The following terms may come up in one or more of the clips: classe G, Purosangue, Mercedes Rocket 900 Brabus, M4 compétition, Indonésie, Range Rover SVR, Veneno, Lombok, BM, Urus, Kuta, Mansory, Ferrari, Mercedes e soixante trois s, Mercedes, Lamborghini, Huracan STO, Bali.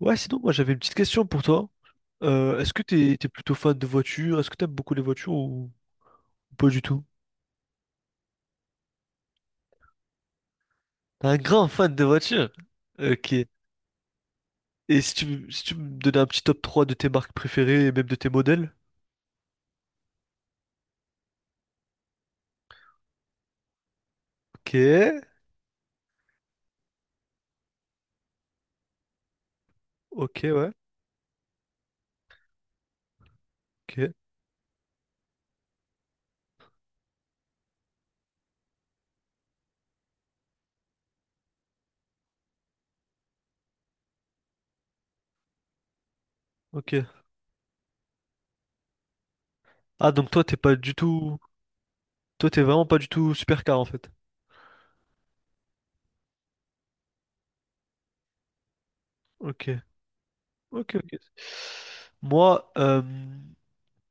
Ouais, sinon, moi j'avais une petite question pour toi. Est-ce que t'es plutôt fan de voitures? Est-ce que t'aimes beaucoup les voitures ou pas du tout? T'es un grand fan de voitures? Ok. Et si si tu me donnais un petit top 3 de tes marques préférées et même de tes modèles? Ok. Ok, ouais. Ok. Ok. Ah, donc toi, t'es pas du tout. Toi, t'es vraiment pas du tout supercar en fait. Ok. Ok, ok. Moi,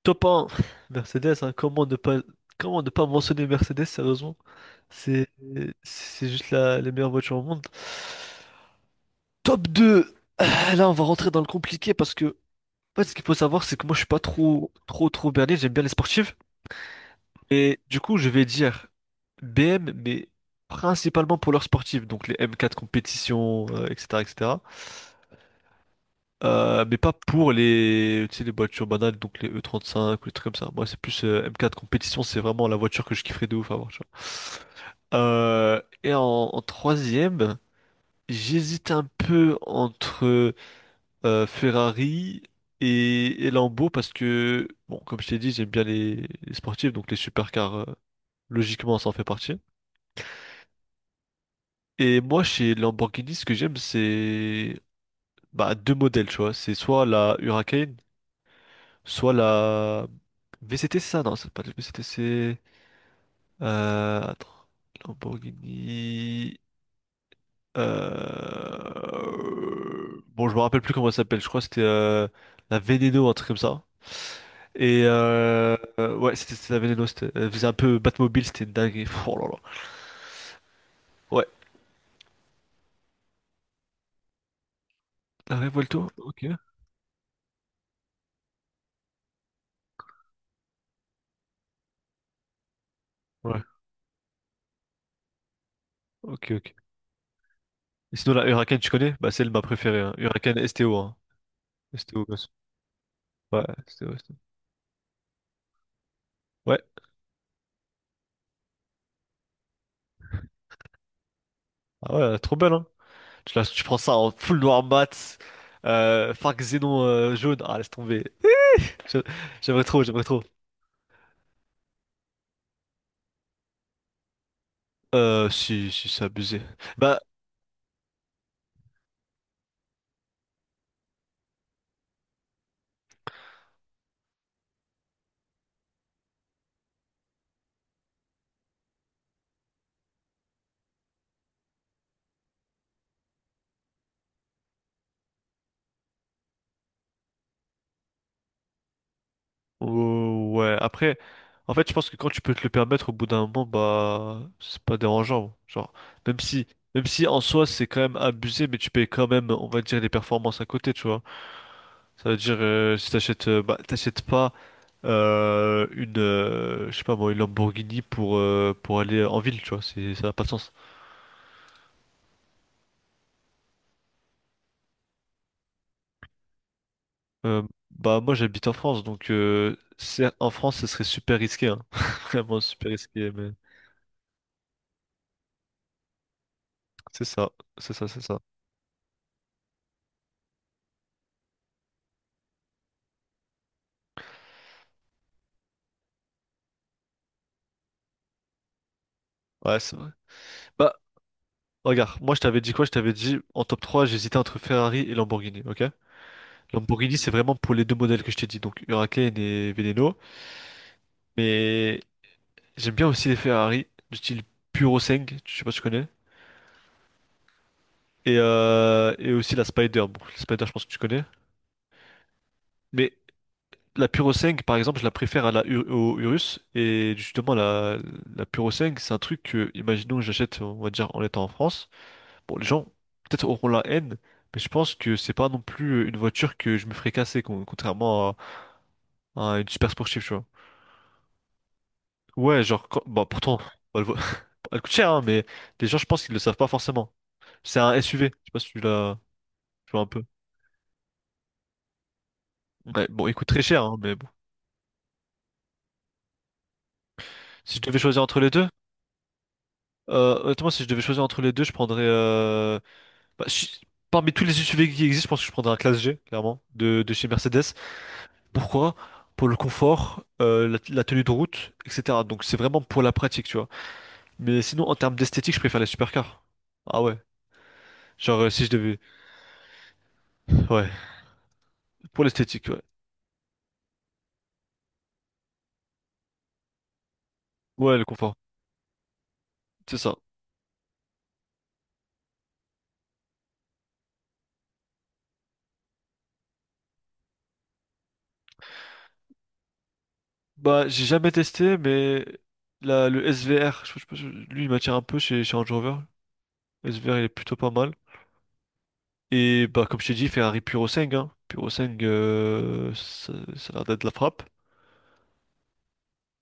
Top 1, Mercedes, hein, comment ne pas mentionner Mercedes, sérieusement? C'est c'est juste les meilleures voitures au monde. Top 2, ah, là on va rentrer dans le compliqué parce que en fait, ce qu'il faut savoir, c'est que moi je suis pas trop trop trop berné, j'aime bien les sportives. Et du coup je vais dire BM, mais principalement pour leurs sportives, donc les M4 compétitions, etc. etc. Mais pas pour les, tu sais, les voitures banales, donc les E35 ou les trucs comme ça. Moi, c'est plus M4 compétition, c'est vraiment la voiture que je kifferais de ouf avoir, tu vois. Et en troisième, j'hésite un peu entre Ferrari et Lambo parce que, bon, comme je t'ai dit, j'aime bien les sportifs, donc les supercars, logiquement, ça en fait partie. Et moi, chez Lamborghini, ce que j'aime, c'est bah, deux modèles, tu vois. C'est soit la Huracan, soit la VCT, c'est ça? Non, c'est pas la VCT, c'est... Attends. Lamborghini... Bon, je me rappelle plus comment elle s'appelle. Je crois que c'était la Veneno, un truc comme ça. Et ouais, c'était la Veneno. C'était... Elle faisait un peu Batmobile, c'était une dinguerie. Pff, oh là là. Ouais. La Revuelto? Ok. Ouais. Ok, ok. Et sinon, la Huracan, tu connais? Bah, c'est elle, ma préférée, hein. Huracan STO, hein. STO, gosse. Ouais, STO, STO. Ouais. Ah ouais, elle est trop belle, hein. Tu prends ça en full noir mat, Farc Xénon jaune. Ah, laisse tomber. Je- J'aimerais trop, j'aimerais trop. Si, si, c'est abusé. Bah, oh, ouais, après, en fait, je pense que quand tu peux te le permettre, au bout d'un moment, bah, c'est pas dérangeant. Genre, même si, même si en soi, c'est quand même abusé, mais tu payes quand même, on va dire, les performances à côté, tu vois. Ça veut dire, si t'achètes, bah, t'achètes pas une, je sais pas moi, une Lamborghini pour aller en ville, tu vois, c'est, ça n'a pas de sens. Euh, bah moi j'habite en France, donc en France ce serait super risqué, hein. Vraiment super risqué, mais c'est ça, c'est ça, c'est ça. Ouais, c'est vrai. Bah regarde, moi je t'avais dit, quoi, je t'avais dit en top 3 j'hésitais entre Ferrari et Lamborghini, ok. Lamborghini c'est vraiment pour les deux modèles que je t'ai dit, donc Huracan et Veneno, mais j'aime bien aussi les Ferrari du style Puro, je sais pas si tu connais. Et aussi la Spider. Bon, la Spider je pense que tu connais, mais la Puro 5, par exemple, je la préfère à au Urus. Et justement, la Puro 5, c'est un truc que, imaginons que j'achète, on va dire, en étant en France. Bon, les gens peut-être auront la haine, mais je pense que c'est pas non plus une voiture que je me ferais casser, contrairement à une super sportive, tu vois. Ouais, genre, bah, pourtant, bah, elle, vaut- elle coûte cher, hein, mais les gens, je pense qu'ils le savent pas forcément. C'est un SUV, je sais pas si tu l'as, tu vois un peu. Ouais, bon, il coûte très cher, hein, mais bon. Si je devais choisir entre les deux, Honnêtement, si je devais choisir entre les deux, bah, parmi tous les SUV qui existent, je pense que je prendrais un classe G, clairement, de chez Mercedes. Pourquoi? Pour le confort, la tenue de route, etc. Donc c'est vraiment pour la pratique, tu vois. Mais sinon, en termes d'esthétique, je préfère les supercars. Ah ouais. Genre, si je devais... Ouais. Pour l'esthétique, ouais. Ouais, le confort. C'est ça. Bah, j'ai jamais testé, mais le SVR, lui, il m'attire un peu chez Range Rover. Le SVR, il est plutôt pas mal. Et bah, comme je t'ai dit, Ferrari Purosangue, hein. Purosangue, ça a l'air d'être la frappe.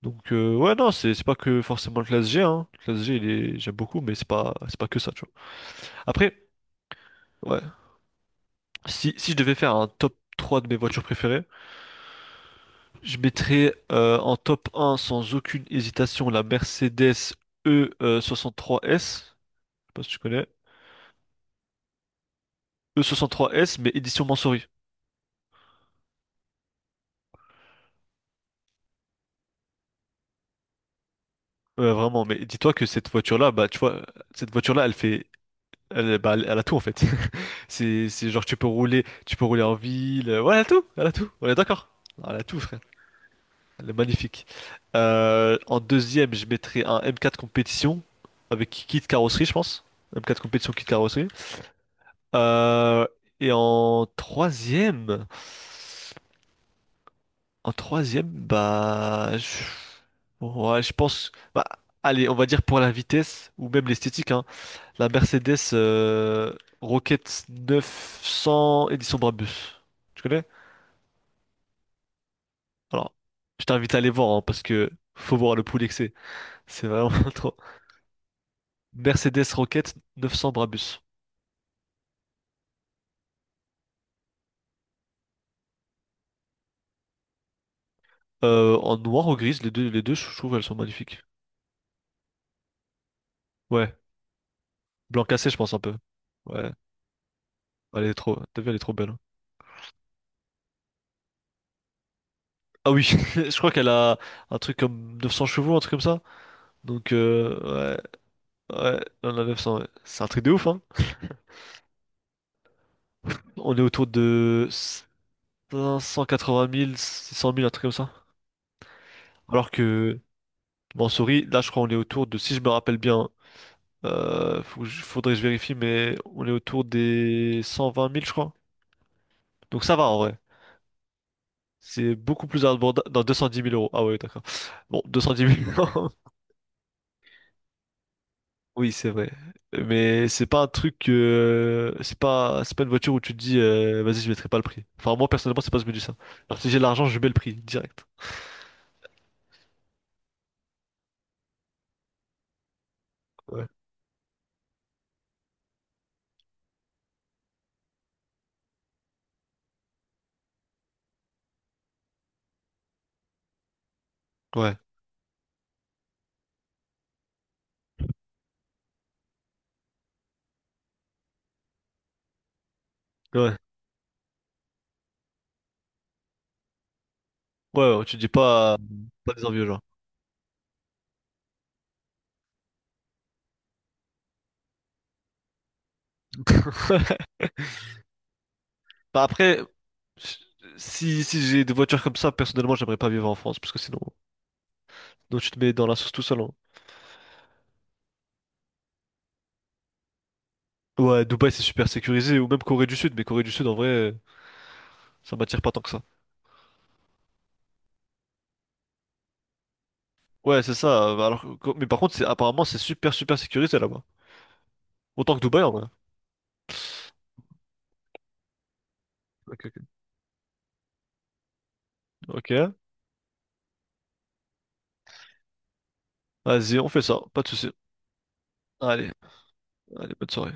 Donc ouais, non c'est pas que forcément le classe G, hein. Le classe G il est j'aime beaucoup, mais c'est pas que ça, tu vois. Après ouais, si je devais faire un top 3 de mes voitures préférées, je mettrais en top un sans aucune hésitation la Mercedes E 63 S, je sais pas si tu connais. E 63 S, mais édition Mansory. Ouais, vraiment, mais dis-toi que cette voiture là, bah tu vois, cette voiture là elle fait elle, bah, elle bah, elle a tout en fait. C'est genre tu peux rouler, tu peux rouler en ville, ouais, elle a tout, elle a tout. On est d'accord. Elle a tout. Elle est magnifique. En deuxième, je mettrais un M4 compétition avec kit carrosserie, je pense. M4 compétition, kit carrosserie. Euh, et en troisième, En troisième, bah, ouais, je pense, bah, allez, on va dire pour la vitesse ou même l'esthétique, hein, la Mercedes Rocket 900 édition Brabus. Tu connais? Alors, je t'invite à aller voir, hein, parce que faut voir le poulet que c'est. C'est vraiment trop. Mercedes Rocket 900 Brabus. En noir ou grise, les deux, je trouve, elles sont magnifiques. Ouais, blanc cassé, je pense un peu. Ouais, elle est trop, t'as vu, elle est trop belle, hein. Ah oui, je crois qu'elle a un truc comme 900 chevaux, un truc comme ça. Donc, ouais, ouais, on a 900, ouais. C'est un truc de ouf, hein. On est autour de 580 000, 600 000, un truc comme ça. Alors que Mansouri, là, je crois, on est autour de, si je me rappelle bien, faudrait que je vérifie, mais on est autour des 120 000, je crois. Donc ça va en vrai. C'est beaucoup plus abordable. Dans 210 000 euros. Ah ouais, d'accord. Bon, 210 000 euros. Oui, c'est vrai. Mais c'est pas un truc. C'est pas une voiture où tu te dis, vas-y, je mettrai pas le prix. Enfin, moi, personnellement, c'est pas ce que je me dis ça. Alors, si j'ai l'argent, je mets le prix direct. Ouais. Ouais. Ouais. Ouais, ouais, tu dis pas. Pas des envieux, genre. Bah après, si j'ai des voitures comme ça, personnellement, j'aimerais pas vivre en France, parce que sinon, donc tu te mets dans la sauce tout seul, hein. Ouais, Dubaï, c'est super sécurisé, ou même Corée du Sud, mais Corée du Sud, en vrai. Ça m'attire pas tant que ça. Ouais, c'est ça. Alors, mais par contre, c'est apparemment c'est super super sécurisé là-bas. Autant que Dubaï en vrai. Ok, ok. Ok. Vas-y, on fait ça. Pas de souci. Allez, allez, bonne soirée.